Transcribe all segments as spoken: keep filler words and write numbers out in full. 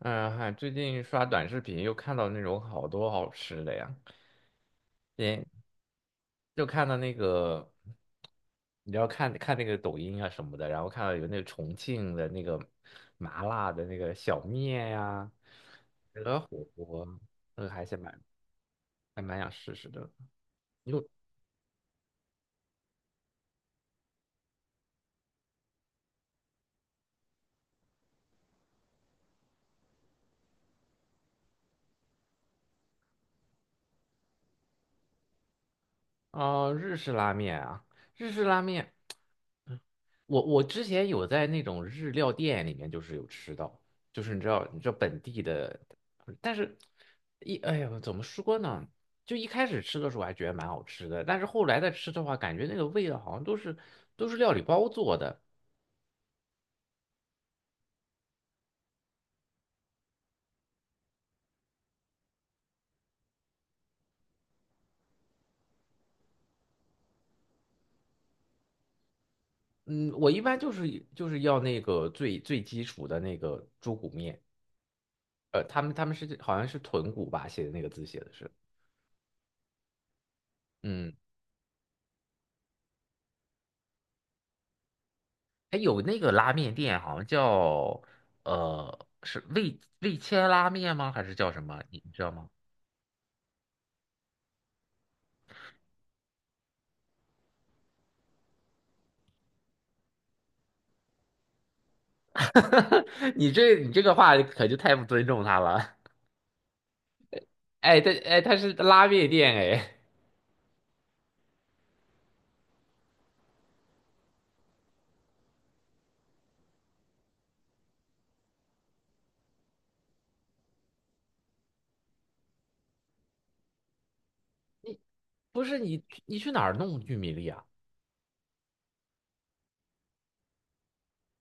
嗯，还最近刷短视频又看到那种好多好吃的呀，也就看到那个，你要看看那个抖音啊什么的，然后看到有那个重庆的那个麻辣的那个小面呀、鹅火锅，那个还是蛮还蛮想试试的。哦，日式拉面啊，日式拉面。嗯我我之前有在那种日料店里面，就是有吃到，就是你知道，你知道本地的，但是一哎呀，怎么说呢？就一开始吃的时候还觉得蛮好吃的，但是后来再吃的话，感觉那个味道好像都是都是料理包做的。嗯，我一般就是就是要那个最最基础的那个猪骨面，呃，他们他们是好像是豚骨吧，写的那个字写的是，嗯。哎，有那个拉面店，好像叫呃，是味味千拉面吗？还是叫什么？你你知道吗？你这你这个话可就太不尊重他了。哎，他哎，他是拉面店哎，不是你你去哪儿弄玉米粒啊？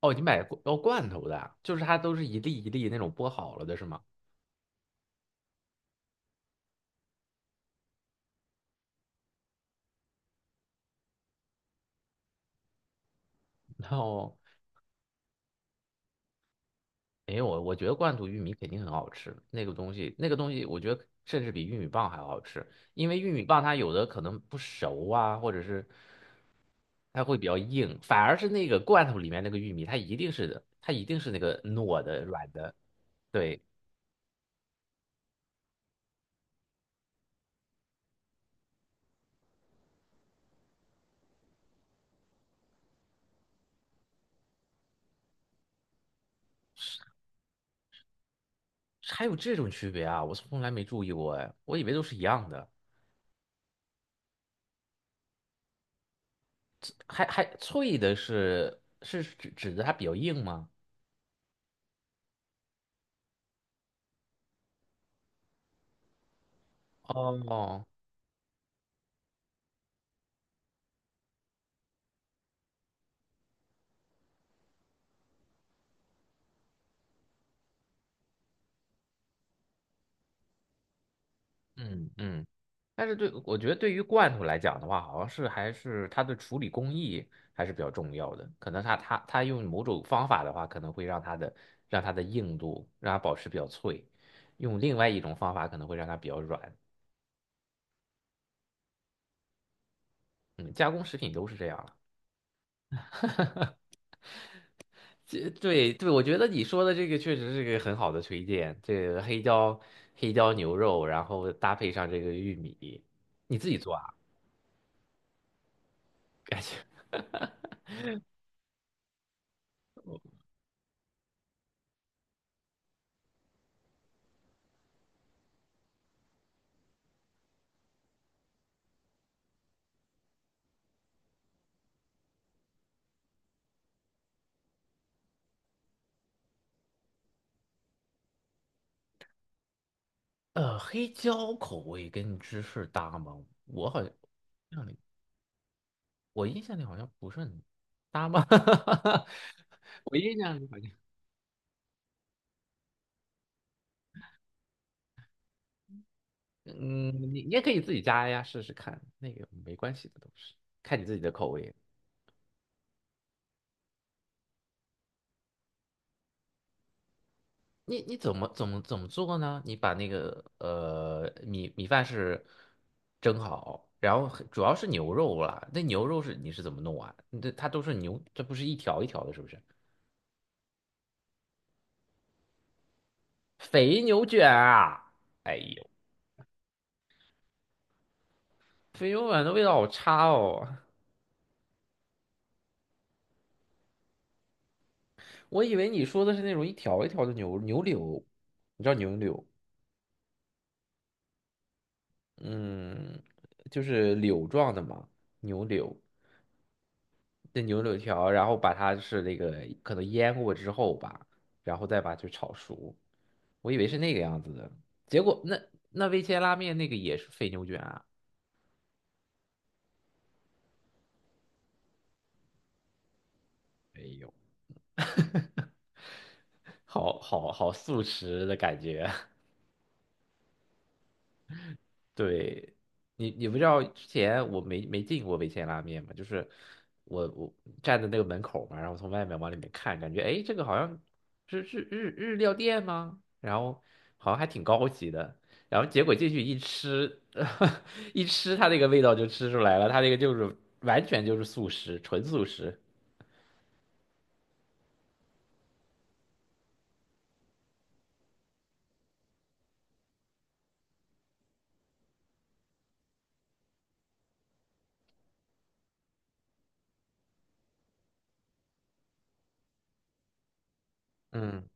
哦，你买罐哦罐头的啊，就是它都是一粒一粒那种剥好了的是吗？然后没有，我觉得罐头玉米肯定很好吃，那个东西那个东西我觉得甚至比玉米棒还好吃，因为玉米棒它有的可能不熟啊，或者是。它会比较硬，反而是那个罐头里面那个玉米，它一定是的它一定是那个糯的软的。对，还有这种区别啊，我从来没注意过哎，我以为都是一样的，还还脆的是是指指的它比较硬吗？哦，嗯嗯，但是对，我觉得对于罐头来讲的话，好像是还是它的处理工艺还是比较重要的。可能它它它用某种方法的话，可能会让它的让它的硬度让它保持比较脆；用另外一种方法可能会让它比较软。嗯，加工食品都是这样了。这对对，我觉得你说的这个确实是个很好的推荐。这个黑椒黑椒牛肉，然后搭配上这个玉米，你自己做啊？感觉。呃，黑椒口味跟芝士搭吗？我好像让你，我印象里好像不是很搭吗？我印象里好像，嗯，你你也可以自己加呀，试试看，那个没关系的，都是看你自己的口味。你你怎么怎么怎么做呢？你把那个呃米米饭是蒸好，然后主要是牛肉啦，那牛肉是你是怎么弄啊？这它都是牛，这不是一条一条的，是不是？肥牛卷啊！哎呦。肥牛丸的味道好差哦，我以为你说的是那种一条一条的牛牛柳，你知道牛柳，嗯，就是柳状的嘛，牛柳，那牛柳条，然后把它是那个可能腌过之后吧，然后再把它炒熟，我以为是那个样子的，结果那那味千拉面那个也是肥牛卷啊，没有，好好好素食的感觉。对，你你不知道之前我没没进过味千拉面嘛，就是我我站在那个门口嘛，然后从外面往里面看，感觉哎，诶这个好像是是日日料店吗？然后好像还挺高级的，然后结果进去一吃，一吃它那个味道就吃出来了，它那个就是完全就是素食，纯素食。嗯，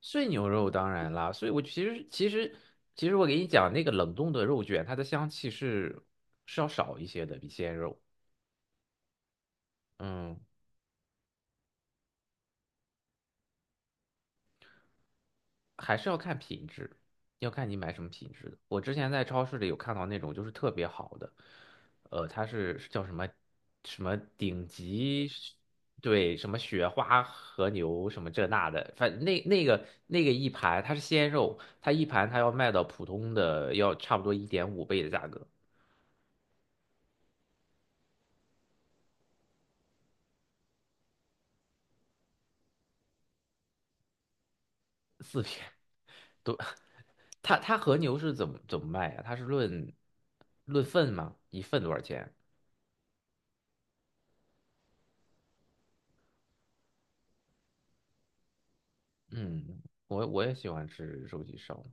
碎牛肉当然啦，所以我其实其实其实我给你讲那个冷冻的肉卷，它的香气是是要少一些的，比鲜肉。嗯，还是要看品质，要看你买什么品质的。我之前在超市里有看到那种就是特别好的，呃，它是是叫什么什么顶级，对，什么雪花和牛什么这那的，反正那那个那个一盘它是鲜肉，它一盘它要卖到普通的要差不多一点五倍的价格，都，它它和牛是怎么怎么卖呀、它是论论份吗？一份多少钱？嗯，我我也喜欢吃寿喜烧。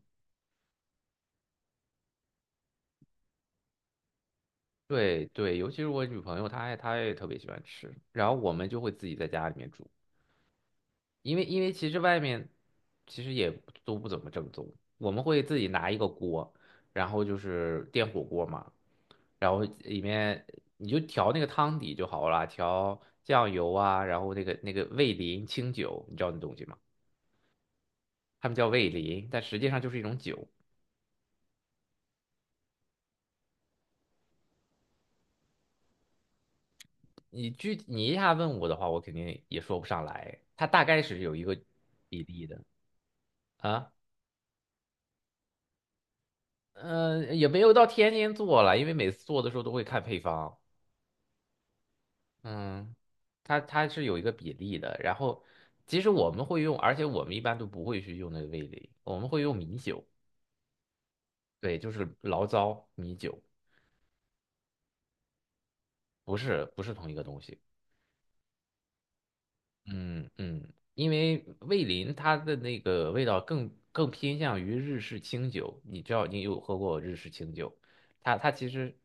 对对，尤其是我女朋友，她也她也特别喜欢吃，然后我们就会自己在家里面煮，因为因为其实外面其实也都不怎么正宗，我们会自己拿一个锅，然后就是电火锅嘛，然后里面你就调那个汤底就好了，调酱油啊，然后那个那个味淋清酒，你知道那东西吗？他们叫味淋，但实际上就是一种酒。你具你一下问我的话，我肯定也说不上来，它大概是有一个比例的啊。嗯，也没有到天天做了，因为每次做的时候都会看配方。嗯，它它是有一个比例的。然后，其实我们会用，而且我们一般都不会去用那个味蕾，我们会用米酒。对，就是醪糟米酒，不是，不是同一个东西。嗯嗯，因为味淋它的那个味道更更偏向于日式清酒，你知道你有喝过日式清酒，它它其实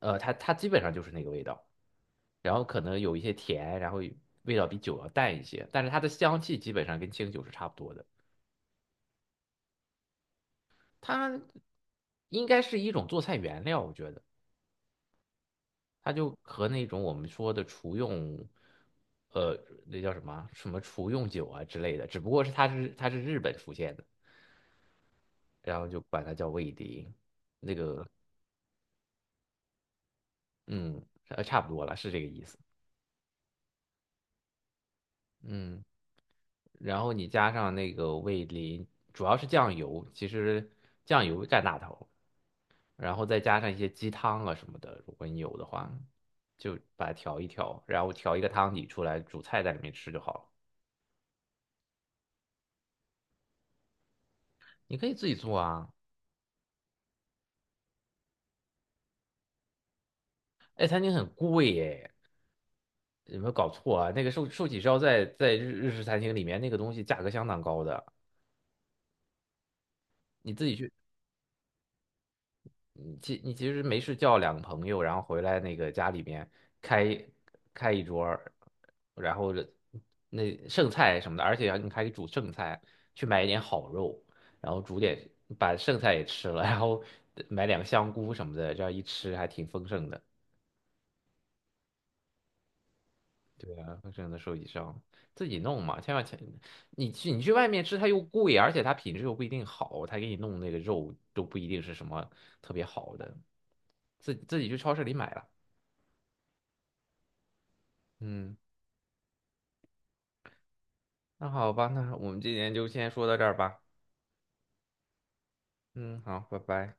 呃它它基本上就是那个味道。然后可能有一些甜，然后味道比酒要淡一些，但是它的香气基本上跟清酒是差不多的。它应该是一种做菜原料，我觉得它就和那种我们说的厨用，呃，那叫什么啊什么厨用酒啊之类的，只不过是它是它是日本出现的，然后就管它叫味淋，嗯，呃，差不多了，是这个意思，嗯。然后你加上那个味淋，主要是酱油，其实酱油占大头。然后再加上一些鸡汤啊什么的，如果你有的话，就把它调一调，然后调一个汤底出来，煮菜在里面吃就好了。你可以自己做啊。哎，餐厅很贵耶，有没有搞错啊？那个寿寿喜烧在在日日式餐厅里面那个东西价格相当高的，你自己去你其你其实没事叫两个朋友，然后回来那个家里面开开一桌儿，然后这那剩菜什么的，而且你还可以煮剩菜，去买一点好肉，然后煮点把剩菜也吃了，然后买两个香菇什么的，这样一吃还挺丰盛的。对啊，丰盛的寿喜上自己弄嘛，千万千，你去你去外面吃它又贵，而且它品质又不一定好，它给你弄那个肉都不一定是什么特别好的，自自己去超市里买了。嗯，那好吧，那我们今天就先说到这儿吧。嗯，好，拜拜。